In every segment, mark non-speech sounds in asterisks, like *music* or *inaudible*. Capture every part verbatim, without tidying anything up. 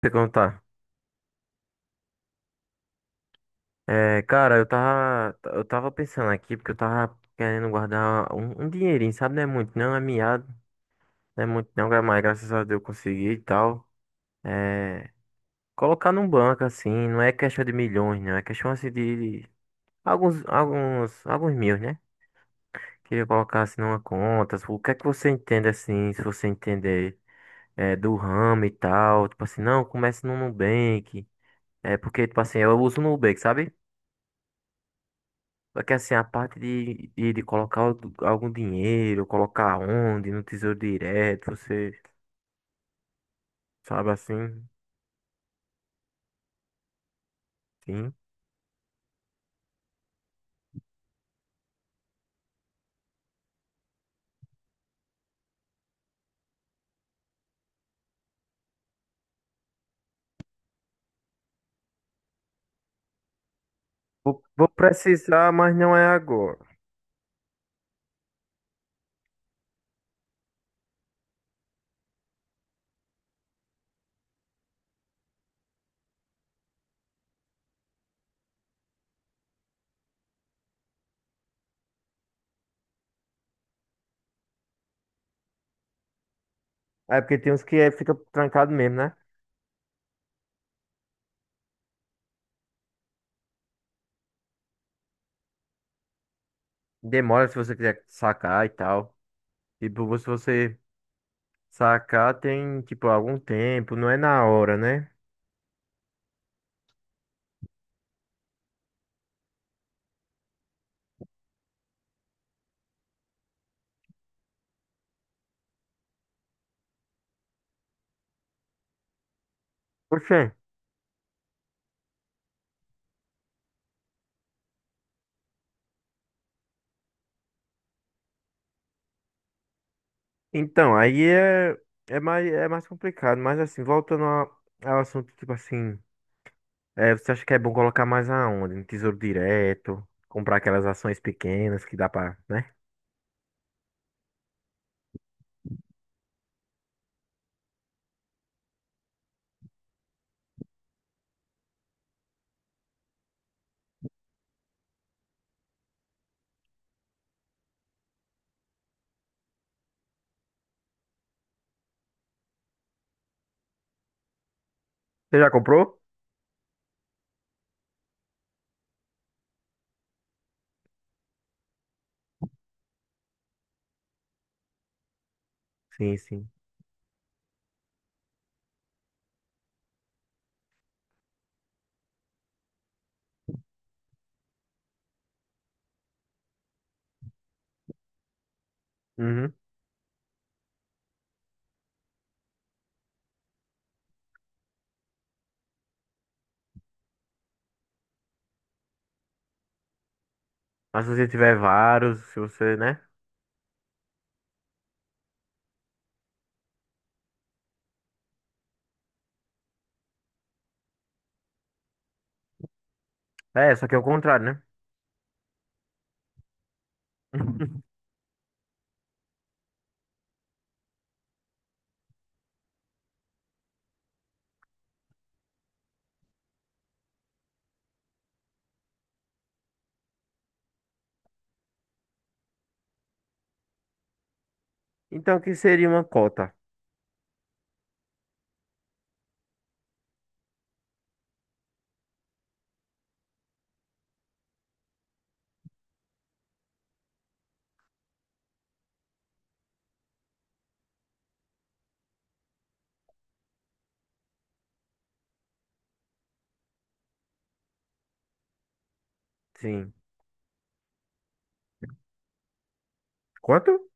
Perguntar. É, cara, eu tava, eu tava pensando aqui porque eu tava querendo guardar um, um dinheirinho, sabe? Não é muito, não é miado, não é muito, não, gra- mas graças a Deus eu consegui e tal. É, colocar num banco assim, não é questão de milhões, não, é questão assim de de alguns, alguns, alguns mil, né? Queria colocar assim numa conta. O que é que você entende assim, se você entender é, do ramo e tal? Tipo assim, não, comece no Nubank. É porque, tipo assim, eu uso o Nubank, sabe? Só que assim, a parte de, de, de colocar algu- algum dinheiro, colocar onde, no Tesouro Direto, você sabe assim, sim. Vou, vou precisar, mas não é agora. É porque tem uns que é, fica trancado mesmo, né? Demora se você quiser sacar e tal. Tipo, se você sacar tem, tipo, algum tempo, não é na hora, né? Oxê. Então, aí é, é mais, é mais complicado. Mas assim, voltando ao, ao assunto, tipo assim. É, você acha que é bom colocar mais aonde? No Tesouro Direto, comprar aquelas ações pequenas que dá pra, né? Você já comprou? Sim, sim. Uhum. Mas se você tiver vários, se você, né? É, só que é o contrário, né? *laughs* Então, o que seria uma cota? Sim. Quanto?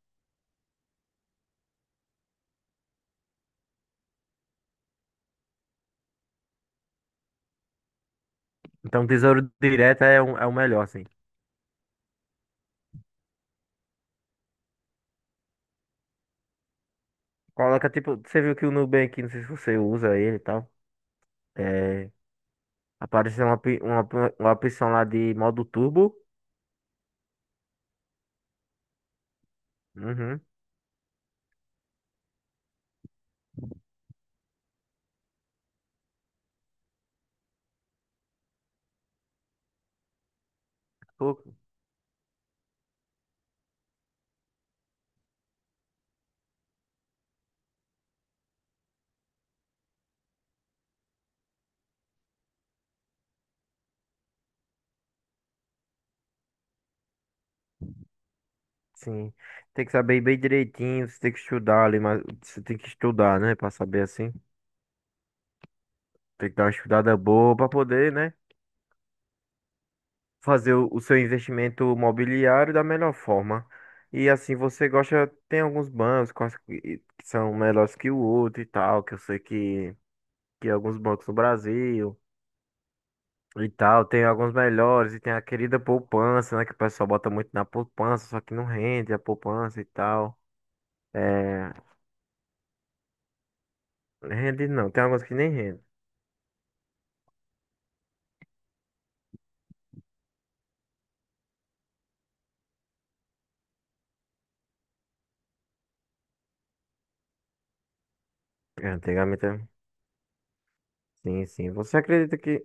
Então, um Tesouro Direto é, o- é o melhor, assim. Coloca, tipo, você viu que o Nubank, não sei se você usa ele e tal. É, apareceu uma, opi- uma, uma opção lá de modo turbo. Uhum. Sim. Tem que saber bem direitinho, você tem que estudar ali, mas você tem que estudar, né? Pra saber assim. Tem que dar uma estudada boa pra poder, né? Fazer o, o seu investimento mobiliário da melhor forma. E assim, você gosta, tem alguns bancos quais que que são melhores que o outro e tal, que eu sei que, que alguns bancos no Brasil e tal, tem alguns melhores e tem a querida poupança, né? Que o pessoal bota muito na poupança, só que não rende a poupança e tal. É, rende não, tem alguns que nem rende. É, antigamente, é- sim, sim. Você acredita que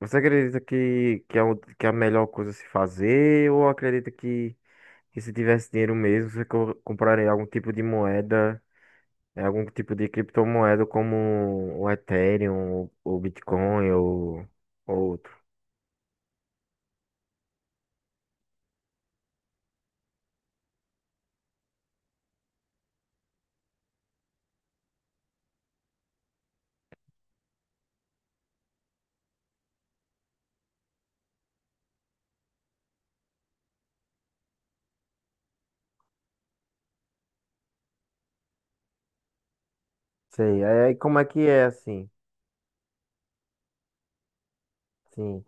Você acredita que, que, é o, que é a melhor coisa a se fazer ou acredita que, que se tivesse dinheiro mesmo, você co- compraria algum tipo de moeda, eh, algum tipo de criptomoeda como o Ethereum, o Bitcoin ou, ou outro? Sei. Aí aí, como é que é assim? Sim.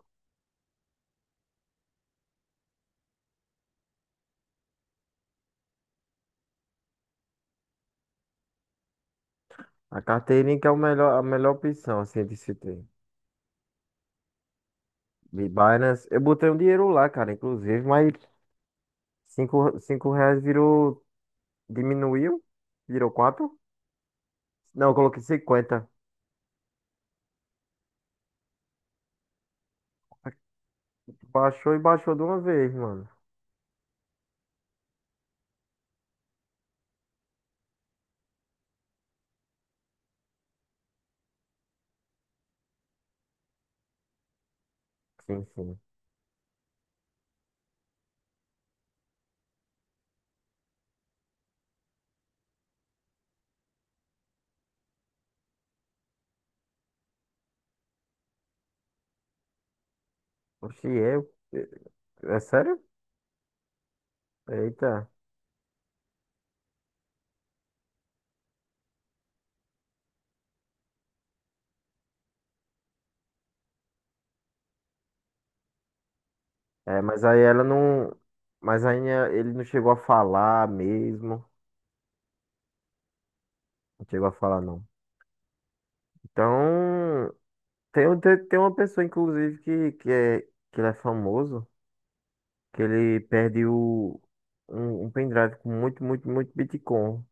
A carteirinha que é o melhor, a melhor opção assim de se ter. De Binance, eu botei um dinheiro lá, cara, inclusive, mas cinco, cinco reais virou. Diminuiu, virou quatro. Não, eu coloquei cinquenta. Baixou e baixou de uma vez, mano. Sim, sim. Oxi, eu. É é sério? Eita. É, mas aí ela não. Mas aí é, ele não chegou a falar mesmo. Não chegou a falar, não. Então. Tem, um- tem, tem uma pessoa, inclusive, que, que, é, que ele é famoso. Que ele perde o, um, um pendrive com muito, muito, muito Bitcoin.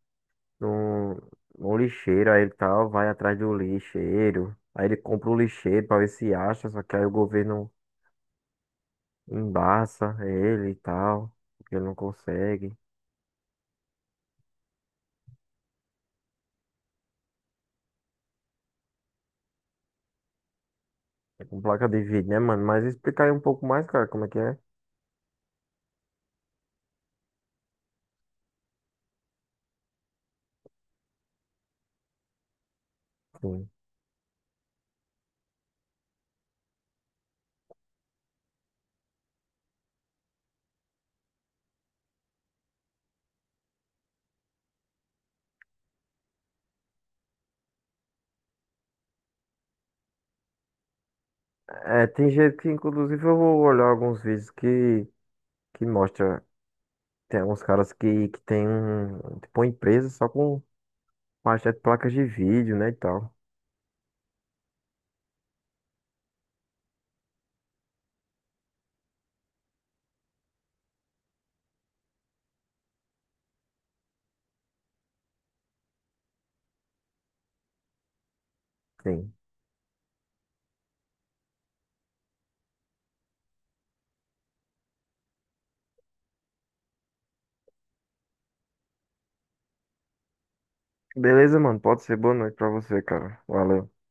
no, no lixeiro, aí ele tal, vai atrás do lixeiro. Aí ele compra o lixeiro pra ver se acha, só que aí o governo embaça ele e tal, porque ele não consegue. É com placa de vídeo, né, mano? Mas explica aí um pouco mais, cara, como é que é. Sim. É, tem gente que, inclusive, eu vou olhar alguns vídeos que, que mostra, tem alguns caras que, que tem um, tipo, uma empresa só com bastante placas de vídeo, né, e tal. Sim. Beleza, mano, pode ser boa noite pra você, cara. Valeu.